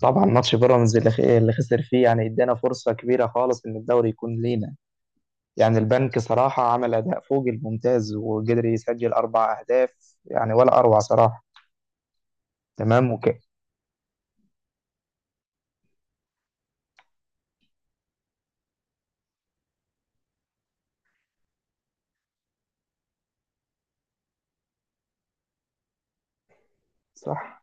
طبعا ماتش بيراميدز اللي خسر فيه يعني ادانا فرصة كبيرة خالص ان الدوري يكون لينا. يعني البنك صراحة عمل اداء فوق الممتاز وقدر يسجل 4 اهداف. يعني ولا اروع صراحة. تمام وكده. صح.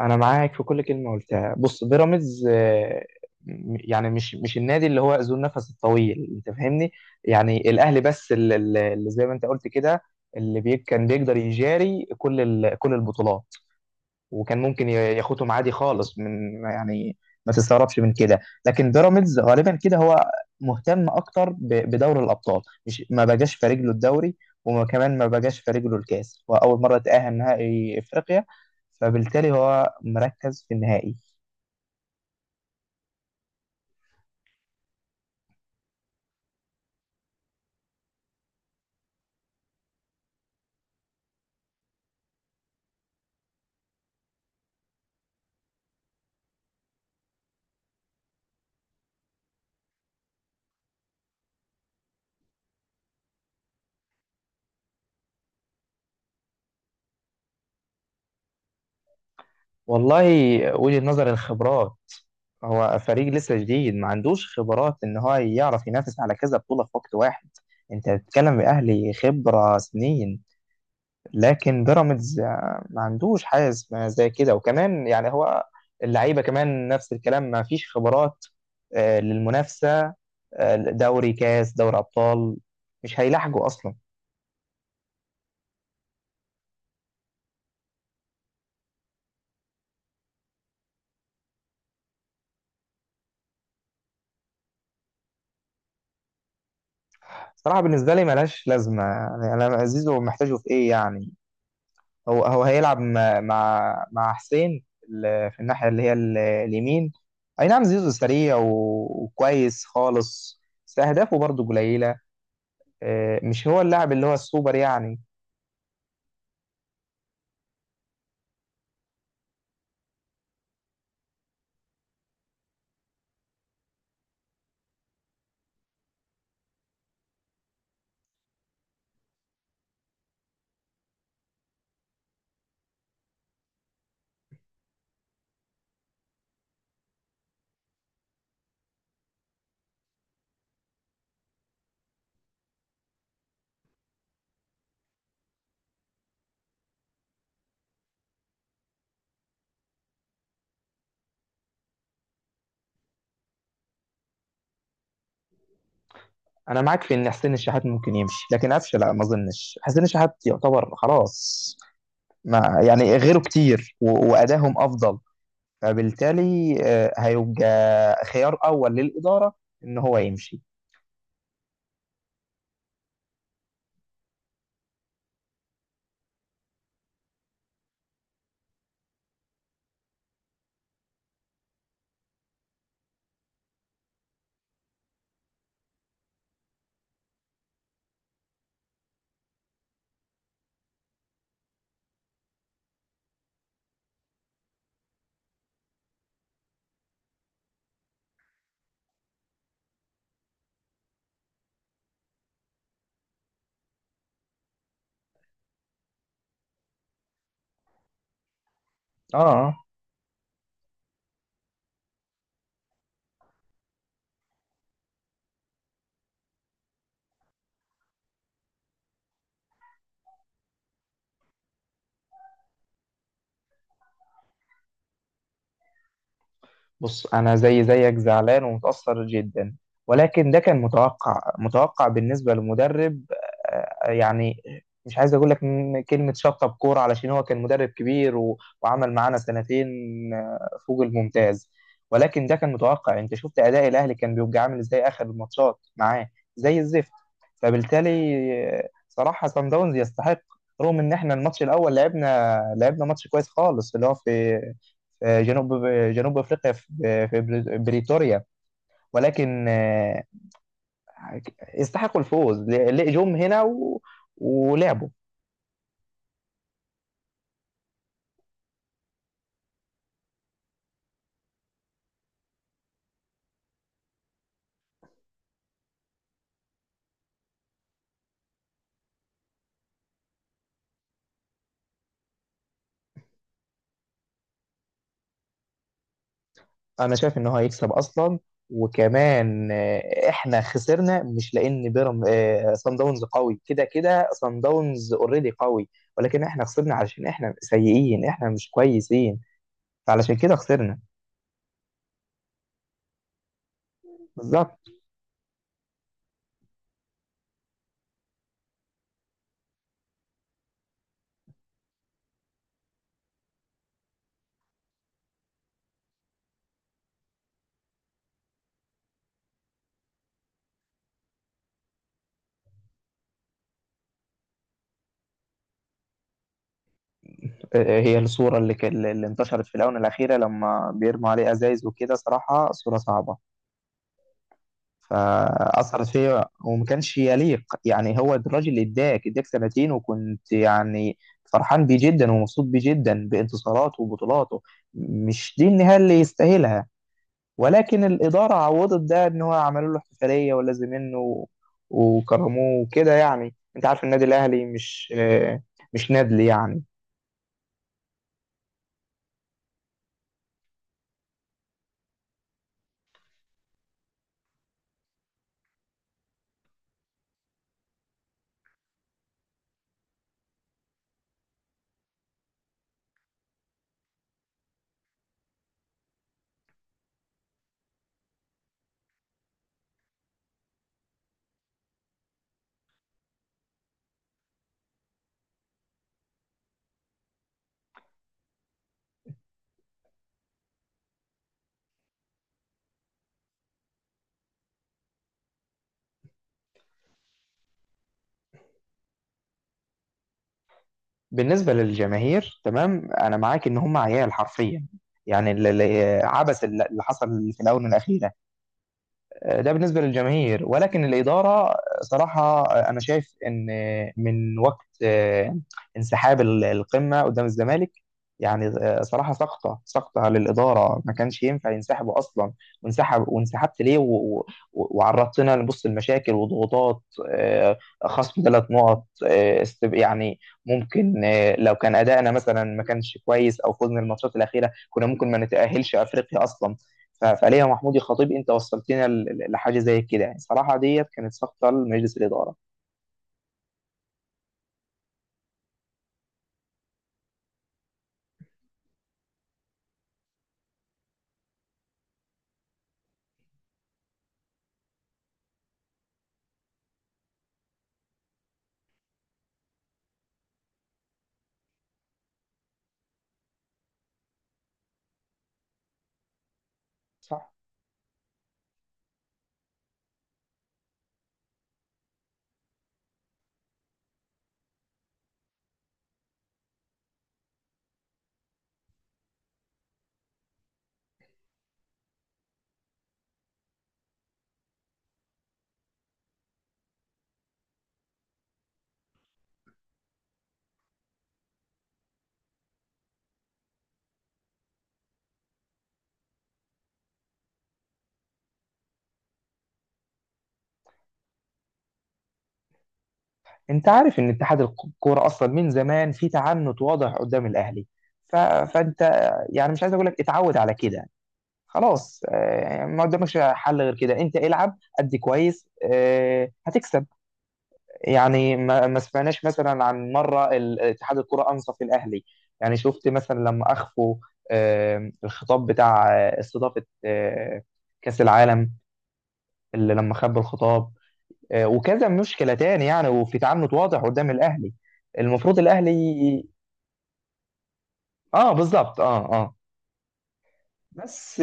انا معاك في كل كلمة قلتها. بص بيراميدز يعني مش النادي اللي هو ذو النفس الطويل، انت فاهمني. يعني الاهلي بس اللي زي ما انت قلت كده، كان بيقدر يجاري كل البطولات، وكان ممكن ياخدهم عادي خالص من يعني. ما تستغربش من كده. لكن بيراميدز غالبا كده هو مهتم اكتر بدوري الابطال، مش ما بقاش في رجله الدوري، وكمان ما بقاش في رجله الكاس. هو اول مره تاهل نهائي افريقيا، فبالتالي هو مركز في النهائي. والله، وجهه نظر الخبرات. هو فريق لسه جديد ما عندوش خبرات ان هو يعرف ينافس على كذا بطولة في وقت واحد. انت بتتكلم باهلي خبرة سنين. لكن بيراميدز ما عندوش حارس ما زي كده، وكمان يعني هو اللعيبه كمان نفس الكلام، ما فيش خبرات للمنافسه. دوري، كاس، دوري ابطال، مش هيلاحقوا اصلا. صراحه بالنسبه لي ملهاش لازمه. يعني انا زيزو محتاجه في ايه يعني؟ هو هيلعب مع حسين في الناحيه اللي هي اليمين. اي نعم زيزو سريع وكويس خالص، بس اهدافه برضه قليله. مش هو اللاعب اللي هو السوبر يعني. انا معاك في ان حسين الشحات ممكن يمشي، لكن قفشه لا ما اظنش. حسين الشحات يعتبر خلاص ما يعني غيره كتير وادائهم افضل، فبالتالي هيبقى خيار اول للاداره ان هو يمشي. اه. بص أنا زي زيك زعلان ومتأثر جدا، ولكن ده كان متوقع. متوقع بالنسبة لمدرب يعني مش عايز أقول لك إن كلمة شطب كورة، علشان هو كان مدرب كبير وعمل معانا سنتين فوق الممتاز. ولكن ده كان متوقع. أنت شفت أداء الأهلي كان بيبقى عامل إزاي آخر الماتشات معاه؟ زي الزفت. فبالتالي صراحة صن داونز يستحق، رغم إن إحنا الماتش الأول لعبنا ماتش كويس خالص اللي هو في جنوب افريقيا في بريتوريا، ولكن يستحقوا الفوز. جم هنا ولعبوا. انا شايف ان هو هيكسب اصلا، وكمان احنا خسرنا مش لان بيرم آه، صن داونز قوي. كده كده صن داونز اوريدي قوي، ولكن احنا خسرنا علشان احنا سيئين، احنا مش كويسين، فعلشان كده خسرنا. بالظبط. هي الصورة اللي انتشرت في الآونة الأخيرة لما بيرموا عليه أزايز وكده، صراحة صورة صعبة. فأثرت فيا وما كانش يليق. يعني هو الراجل اللي اداك سنتين، وكنت يعني فرحان بيه جدا ومبسوط بيه جدا بانتصاراته وبطولاته. مش دي النهاية اللي يستاهلها. ولكن الإدارة عوضت ده إن هو عملوا له احتفالية ولازم منه، وكرموه وكده. يعني أنت عارف النادي الأهلي مش مش نادل يعني. بالنسبة للجماهير تمام، أنا معاك إن هم عيال حرفيا. يعني عبث اللي حصل في الآونة الأخيرة ده بالنسبة للجماهير. ولكن الإدارة صراحة، أنا شايف إن من وقت انسحاب القمة قدام الزمالك، يعني صراحة سقطة سقطة للإدارة، ما كانش ينفع ينسحبوا أصلا. وانسحبت ليه وعرضتنا لبص المشاكل وضغوطات. آه، خصم 3 نقط، يعني ممكن لو كان أدائنا مثلا ما كانش كويس، أو فزنا الماتشات الأخيرة، كنا ممكن ما نتأهلش أفريقيا أصلا. فليلى محمود يا خطيب، انت وصلتنا لحاجه زي كده. يعني صراحه ديت كانت سقطه لمجلس الاداره. صح. انت عارف ان اتحاد الكوره اصلا من زمان في تعنت واضح قدام الاهلي. فانت يعني مش عايز اقول لك اتعود على كده. خلاص ما قدامكش حل غير كده. انت العب ادي كويس هتكسب. يعني ما سمعناش مثلا عن مره اتحاد الكره انصف الاهلي. يعني شفت مثلا لما اخفوا الخطاب بتاع استضافه كاس العالم، اللي لما خبوا الخطاب وكذا مشكله تاني. يعني وفي تعنت واضح قدام الاهلي. المفروض الاهلي. اه بالظبط، اه اه. بس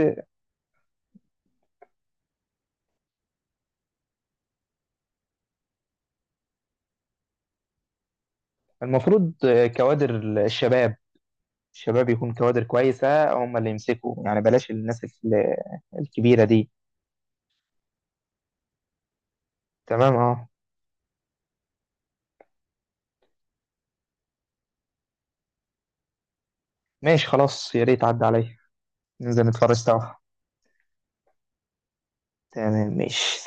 المفروض كوادر الشباب. الشباب يكون كوادر كويسه هم اللي يمسكوا يعني. بلاش الناس الكبيره دي. تمام اه. ماشي خلاص، يا ريت عدى عليا ننزل نتفرج سوا. تمام ماشي.